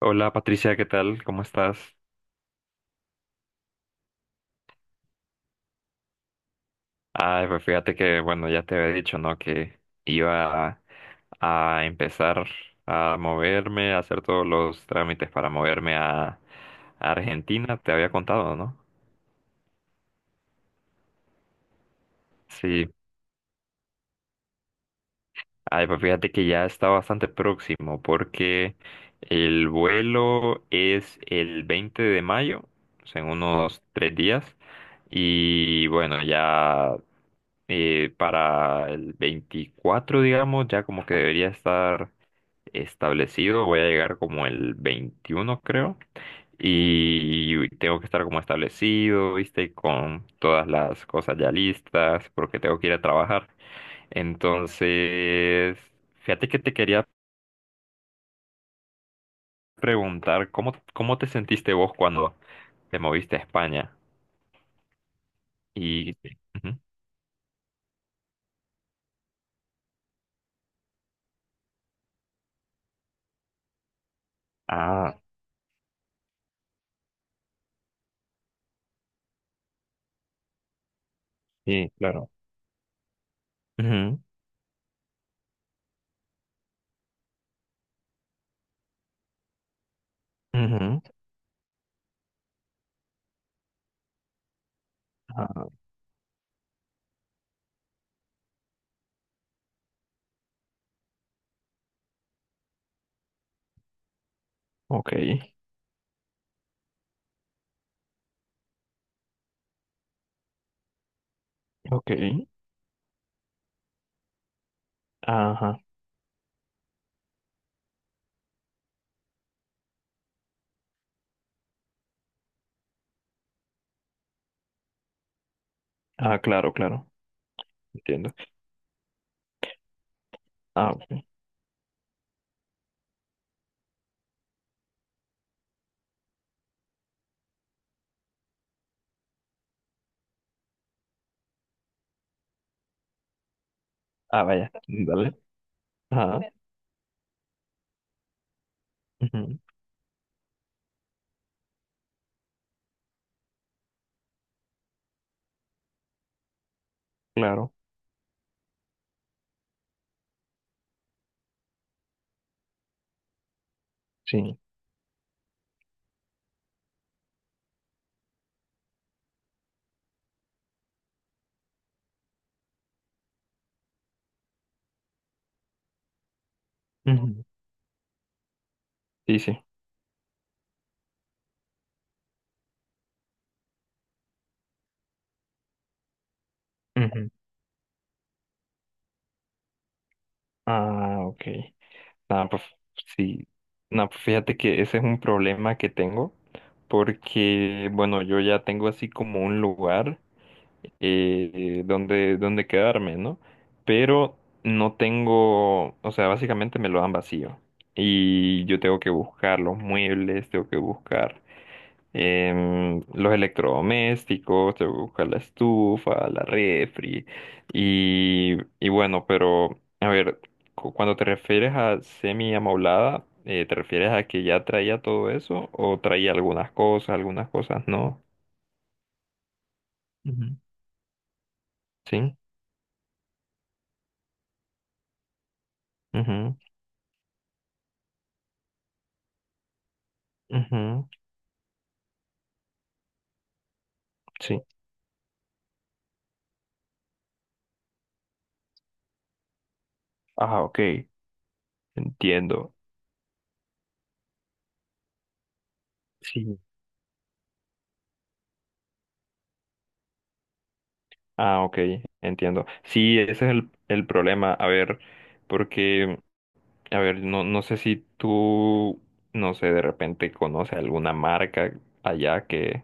Hola Patricia, ¿qué tal? ¿Cómo estás? Ay, pues fíjate que, bueno, ya te había dicho, ¿no? Que iba a empezar a moverme, a hacer todos los trámites para moverme a Argentina, te había contado, ¿no? Sí, ay, pues fíjate que ya está bastante próximo porque el vuelo es el 20 de mayo, o sea, en unos 3 días, y bueno, ya... para el 24 digamos, ya como que debería estar establecido. Voy a llegar como el 21 creo. Y tengo que estar como establecido, ¿viste? Con todas las cosas ya listas, porque tengo que ir a trabajar. Entonces, fíjate que te quería preguntar, ¿cómo te sentiste vos cuando te moviste a España? Y... Ujú. Ah, sí, claro. Ujú, ujú. Ah, ok, ok. Ajá. Ah, claro, claro. Entiendo. Ah, ok. Ah, vaya. Dale. Ah, ujú. Claro. Sí, ujú. Sí, sí, ujú. Ah, ok. Nada, pues sí. Nada, pues fíjate que ese es un problema que tengo porque, bueno, yo ya tengo así como un lugar donde quedarme, ¿no? Pero no tengo, o sea, básicamente me lo dan vacío y yo tengo que buscar los muebles, tengo que buscar. Los electrodomésticos, te busca la estufa, la refri y bueno, pero a ver, cuando te refieres a semi amoblada, ¿te refieres a que ya traía todo eso o traía algunas cosas no? Ujú. Sí, mhm, mhm, sí, ah, ok, entiendo, sí, ah, ok, entiendo, sí, ese es el problema, a ver, porque a ver, no, no sé si tú, no sé, de repente conoces alguna marca allá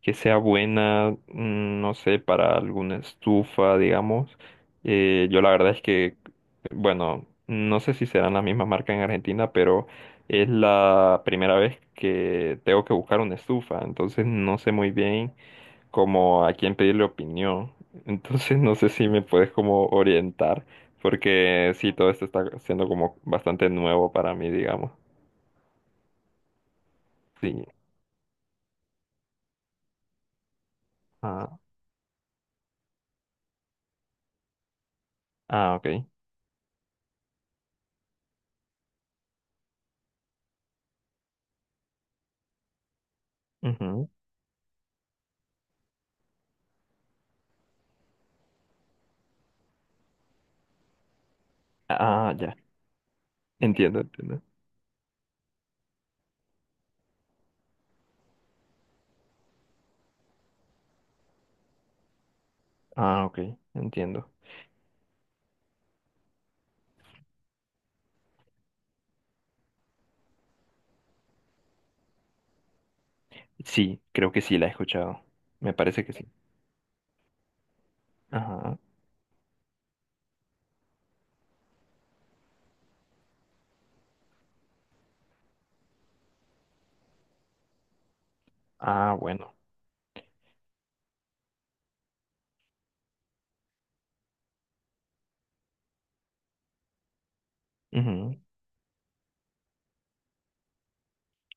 que sea buena, no sé, para alguna estufa, digamos. Yo la verdad es que, bueno, no sé si serán la misma marca en Argentina, pero es la primera vez que tengo que buscar una estufa, entonces no sé muy bien como a quién pedirle opinión. Entonces no sé si me puedes como orientar, porque sí, todo esto está siendo como bastante nuevo para mí, digamos. Sí. Ah, ah, ok. Ujú. Ah, ah, ya. Entiendo, entiendo. Ah, ok, entiendo. Sí, creo que sí la he escuchado. Me parece que sí. Ajá. Ah, bueno. Ujú.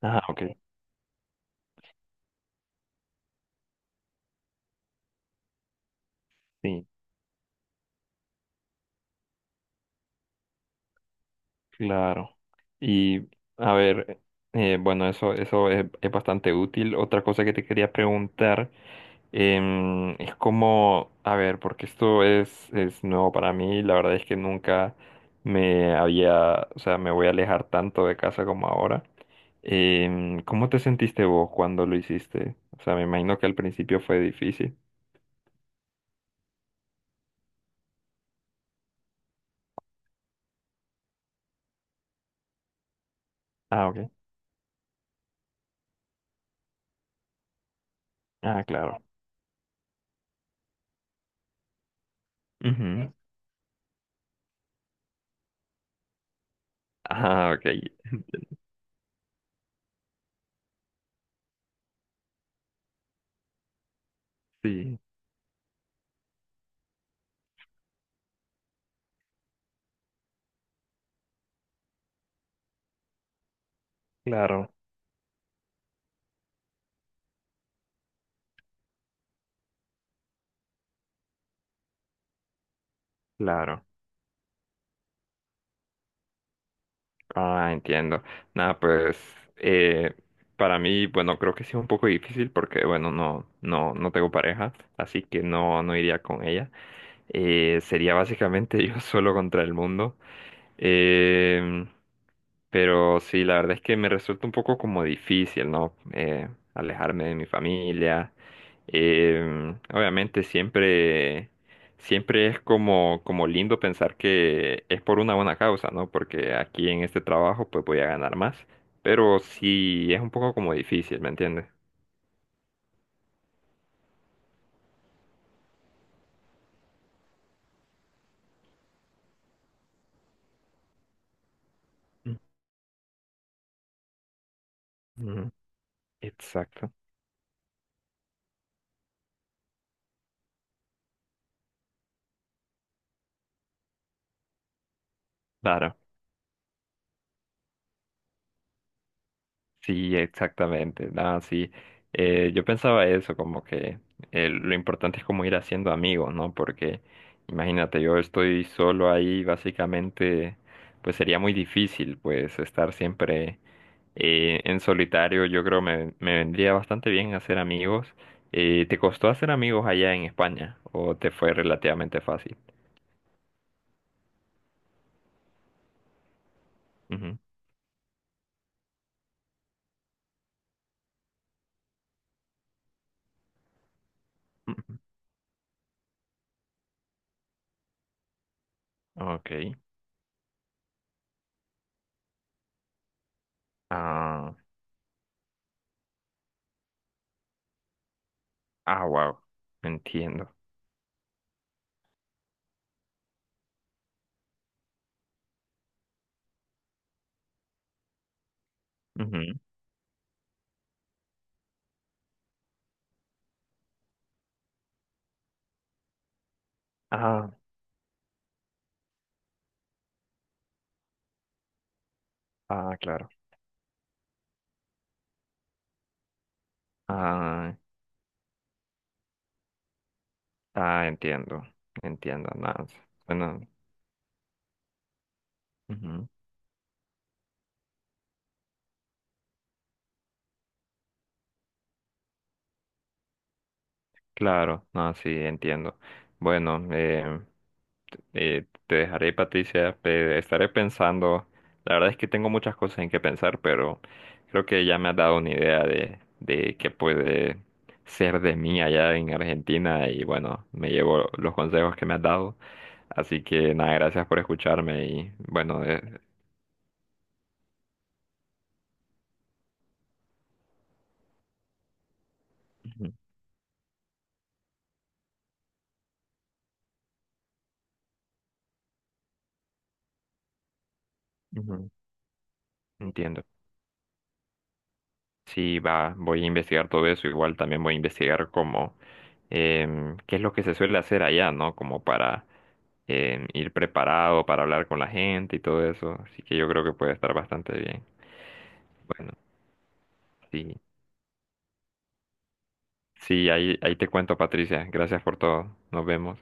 Ah, ok. Sí, claro. Y a ver, bueno, eso es bastante útil. Otra cosa que te quería preguntar. Es como, a ver, porque esto es nuevo para mí, la verdad es que nunca me había, o sea, me voy a alejar tanto de casa como ahora. ¿Cómo te sentiste vos cuando lo hiciste? O sea, me imagino que al principio fue difícil. Ah, ok. Ah, claro. Ujú. Ah, ok. Sí, claro, claro. Ah, entiendo. Nada, pues eh, para mí, bueno, creo que sí es un poco difícil porque, bueno, no tengo pareja, así que no iría con ella. Sería básicamente yo solo contra el mundo. Em, pero sí, la verdad es que me resulta un poco como difícil, ¿no? Alejarme de mi familia. Obviamente siempre es como, como lindo pensar que es por una buena causa, ¿no? Porque aquí en este trabajo pues voy a ganar más. Pero sí es un poco como difícil, ¿me entiendes? Ujú, exacto. Claro. Sí, exactamente. Nada, sí. Yo pensaba eso, como que lo importante es como ir haciendo amigos, ¿no? Porque imagínate, yo estoy solo ahí, básicamente, pues sería muy difícil, pues, estar siempre en solitario. Yo creo me vendría bastante bien hacer amigos. ¿Te costó hacer amigos allá en España o te fue relativamente fácil? Ujú. Ujú. Ok. Ah, ah, wow. Entiendo. Ujú. Ah, ah, claro. Ah, ah, entiendo, entiendo, nada, bueno, ujú, claro, no, sí, entiendo. Bueno, te dejaré, Patricia, estaré pensando, la verdad es que tengo muchas cosas en que pensar, pero creo que ya me has dado una idea de qué puede ser de mí allá en Argentina y bueno, me llevo los consejos que me has dado, así que nada, gracias por escucharme y bueno, ujú, ujú, entiendo. Sí, voy a investigar todo eso. Igual también voy a investigar cómo, qué es lo que se suele hacer allá, ¿no? Como para ir preparado, para hablar con la gente y todo eso. Así que yo creo que puede estar bastante bien. Bueno, sí, ahí te cuento, Patricia. Gracias por todo. Nos vemos.